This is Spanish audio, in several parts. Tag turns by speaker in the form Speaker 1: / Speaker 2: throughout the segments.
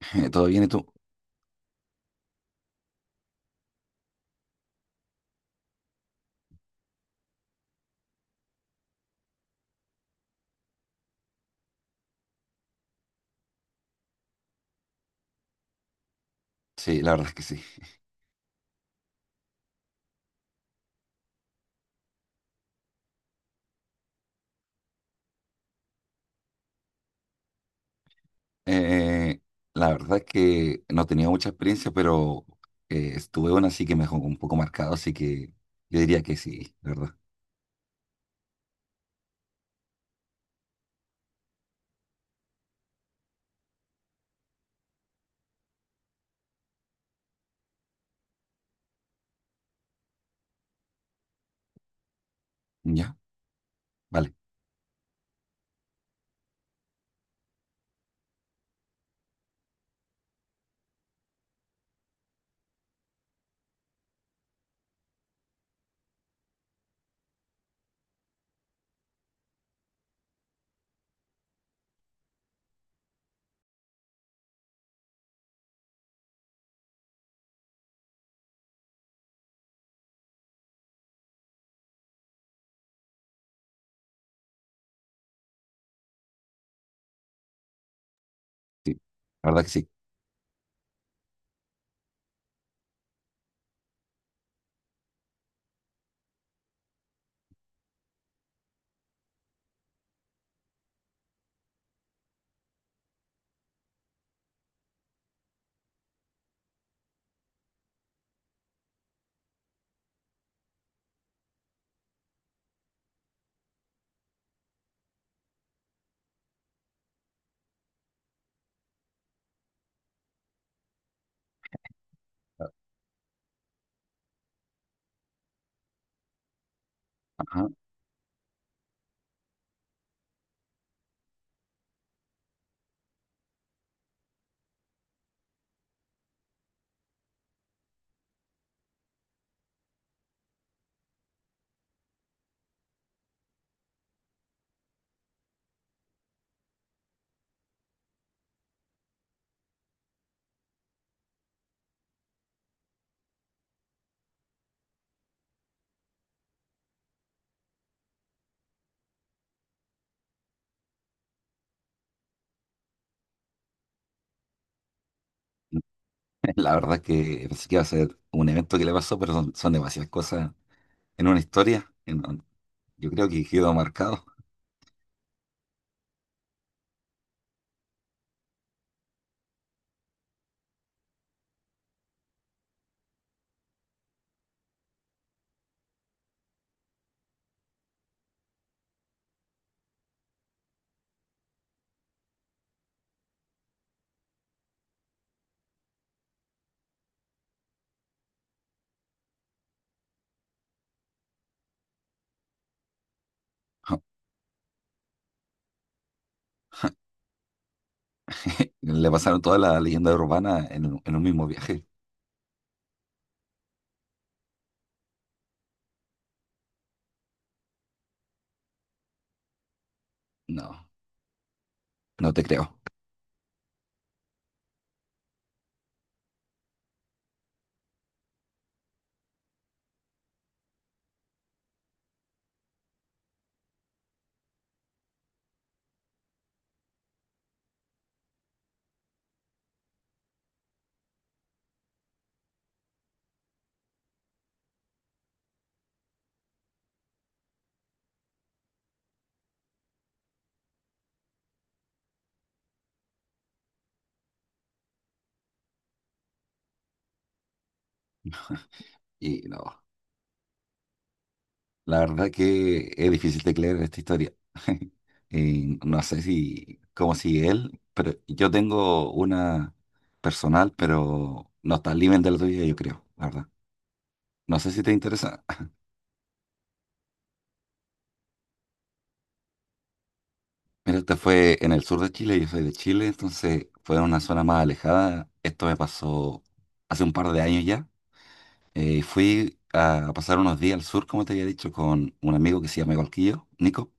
Speaker 1: ¿Todo bien y tú? Sí, la verdad es que sí. Eh, la verdad es que no tenía mucha experiencia, pero estuve una así que me dejó un poco marcado, así que yo diría que sí, la verdad. ¿Ya? Vale. Sí, la verdad que sí. Ajá. La verdad es que pensé que iba a ser un evento que le pasó, pero son demasiadas cosas en una historia. Yo creo que quedó marcado. Le pasaron toda la leyenda urbana en un mismo viaje. No, no te creo. Y no. La verdad que es difícil de creer esta historia. Y no sé si cómo sigue él, pero yo tengo una personal, pero no está al nivel de la tuya, yo creo, la verdad. No sé si te interesa. Mira, este fue en el sur de Chile, yo soy de Chile, entonces fue en una zona más alejada. Esto me pasó hace un par de años ya. Fui a pasar unos días al sur, como te había dicho, con un amigo que se llama igual que yo, Nico.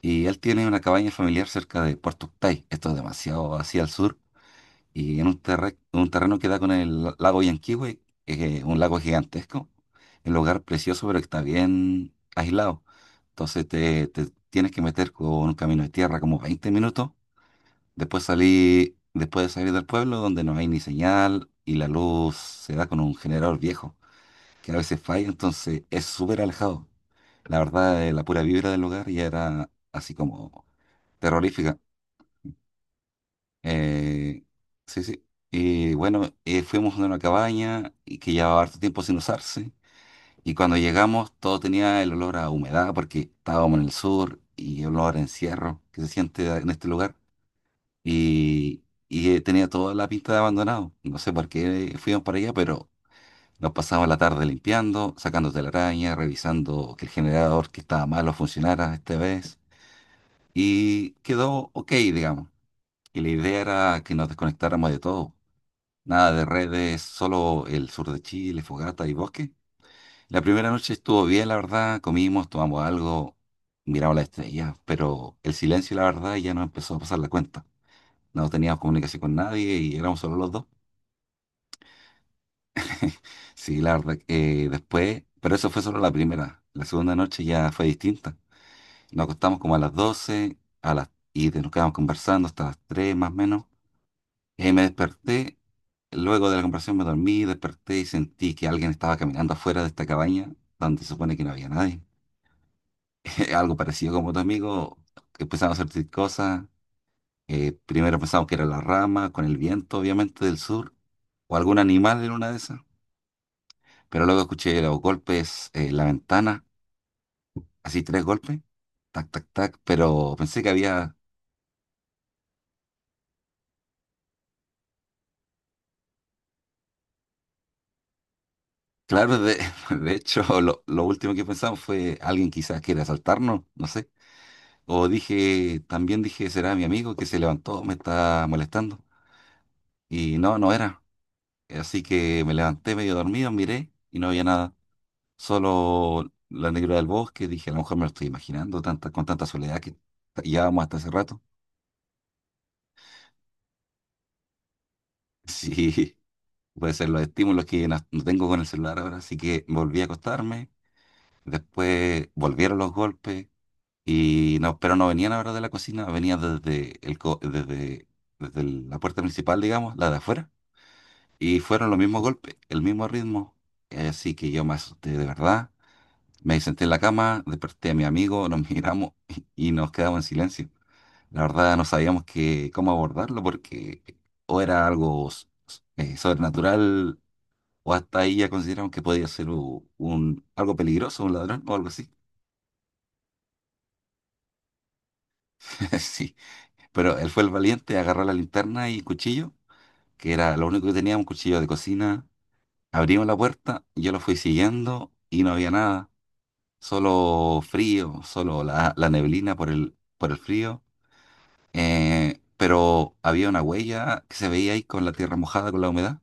Speaker 1: Y él tiene una cabaña familiar cerca de Puerto Octay, esto es demasiado hacia el sur, y en un, un terreno que da con el lago Yanquihue, que es un lago gigantesco, un lugar precioso, pero que está bien aislado. Entonces te tienes que meter con un camino de tierra como 20 minutos, después salí, después de salir del pueblo donde no hay ni señal y la luz se da con un generador viejo, que a veces falla, entonces es súper alejado. La verdad, la pura vibra del lugar ya era así como terrorífica. Eh, sí. Y bueno, fuimos a una cabaña y que llevaba harto tiempo sin usarse. Y cuando llegamos, todo tenía el olor a humedad porque estábamos en el sur y el olor a encierro que se siente en este lugar. Y, y tenía toda la pinta de abandonado. No sé por qué fuimos para allá, pero nos pasamos la tarde limpiando, sacando telaraña, revisando que el generador que estaba malo funcionara esta vez. Y quedó ok, digamos. Y la idea era que nos desconectáramos de todo. Nada de redes, solo el sur de Chile, fogata y bosque. La primera noche estuvo bien, la verdad. Comimos, tomamos algo, miramos las estrellas, pero el silencio, la verdad, ya nos empezó a pasar la cuenta. No teníamos comunicación con nadie y éramos solo los dos. Sí, la verdad, después, pero eso fue solo la primera. La segunda noche ya fue distinta. Nos acostamos como a las 12 y nos quedamos conversando hasta las 3 más o menos. Me desperté, luego de la conversación me dormí, desperté y sentí que alguien estaba caminando afuera de esta cabaña, donde se supone que no había nadie. Algo parecido como tu amigo, empezamos a sentir cosas. Primero pensamos que era la rama, con el viento obviamente del sur, o algún animal en una de esas. Pero luego escuché los golpes en la ventana, así tres golpes, tac, tac, tac, pero pensé que había... Claro, de hecho, lo último que pensamos fue alguien quizás quiere asaltarnos, no sé. O dije, también dije, será mi amigo que se levantó, me está molestando. Y no, no era. Así que me levanté medio dormido, miré y no había nada. Solo la negra del bosque. Dije, a lo mejor me lo estoy imaginando tanta, con tanta soledad que llevábamos hasta hace rato. Sí, puede ser los estímulos que no tengo con el celular ahora. Así que volví a acostarme. Después volvieron los golpes. Y no, pero no venían ahora de la cocina, venían desde el, co- desde, desde el- la puerta principal, digamos, la de afuera. Y fueron los mismos golpes, el mismo ritmo. Así que yo me asusté de verdad. Me senté en la cama, desperté a mi amigo, nos miramos y nos quedamos en silencio. La verdad no sabíamos cómo abordarlo porque o era algo sobrenatural o hasta ahí ya consideramos que podía ser un, algo peligroso, un ladrón o algo así. Sí, pero él fue el valiente, agarró la linterna y cuchillo, que era lo único que tenía, un cuchillo de cocina. Abrimos la puerta, yo lo fui siguiendo y no había nada. Solo frío, solo la neblina por por el frío, pero había una huella que se veía ahí con la tierra mojada, con la humedad,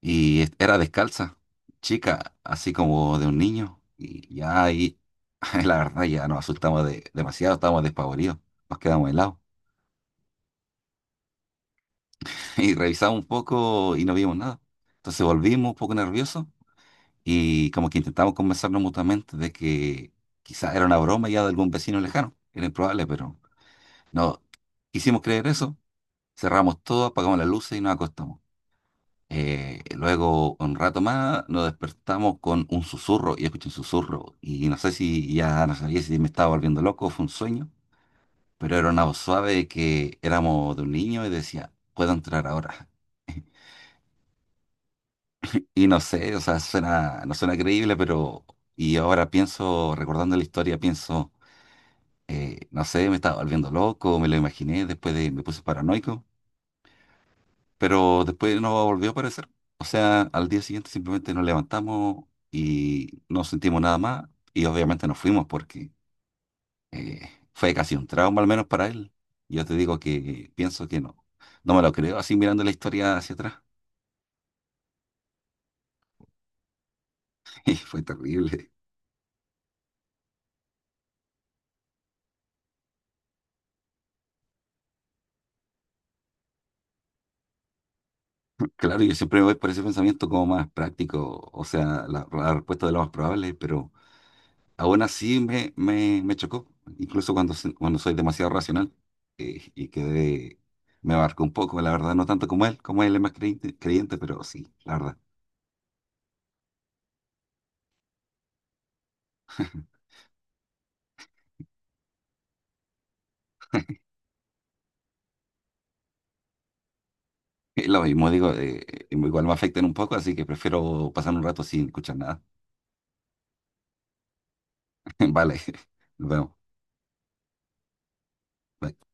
Speaker 1: y era descalza, chica, así como de un niño, y ya ahí, la verdad, ya nos asustamos demasiado, estábamos despavoridos, nos quedamos helados, y revisamos un poco y no vimos nada. Entonces volvimos un poco nerviosos y como que intentamos convencernos mutuamente de que quizás era una broma ya de algún vecino lejano, era improbable, pero... No quisimos creer eso, cerramos todo, apagamos las luces y nos acostamos. Luego, un rato más, nos despertamos con un susurro, y escuché un susurro, y no sé si ya no sabía si me estaba volviendo loco o fue un sueño, pero era una voz suave que éramos de un niño y decía, puedo entrar ahora. Y no sé, o sea, suena, no suena creíble, pero... Y ahora pienso, recordando la historia, pienso, no sé, me estaba volviendo loco, me lo imaginé, me puse paranoico. Pero después no volvió a aparecer. O sea, al día siguiente simplemente nos levantamos y no sentimos nada más y obviamente nos fuimos porque eh, fue casi un trauma, al menos para él. Yo te digo que pienso que no. No me lo creo así mirando la historia hacia atrás. Y fue terrible. Claro, yo siempre me voy por ese pensamiento como más práctico, o sea, la respuesta de lo más probable, pero aún así me chocó, incluso cuando soy demasiado racional y quedé, me abarcó un poco, la verdad, no tanto como él es más creyente, pero sí, la verdad. Y lo mismo digo, igual me afectan un poco, así que prefiero pasar un rato sin escuchar nada. Vale, nos vemos. Bye.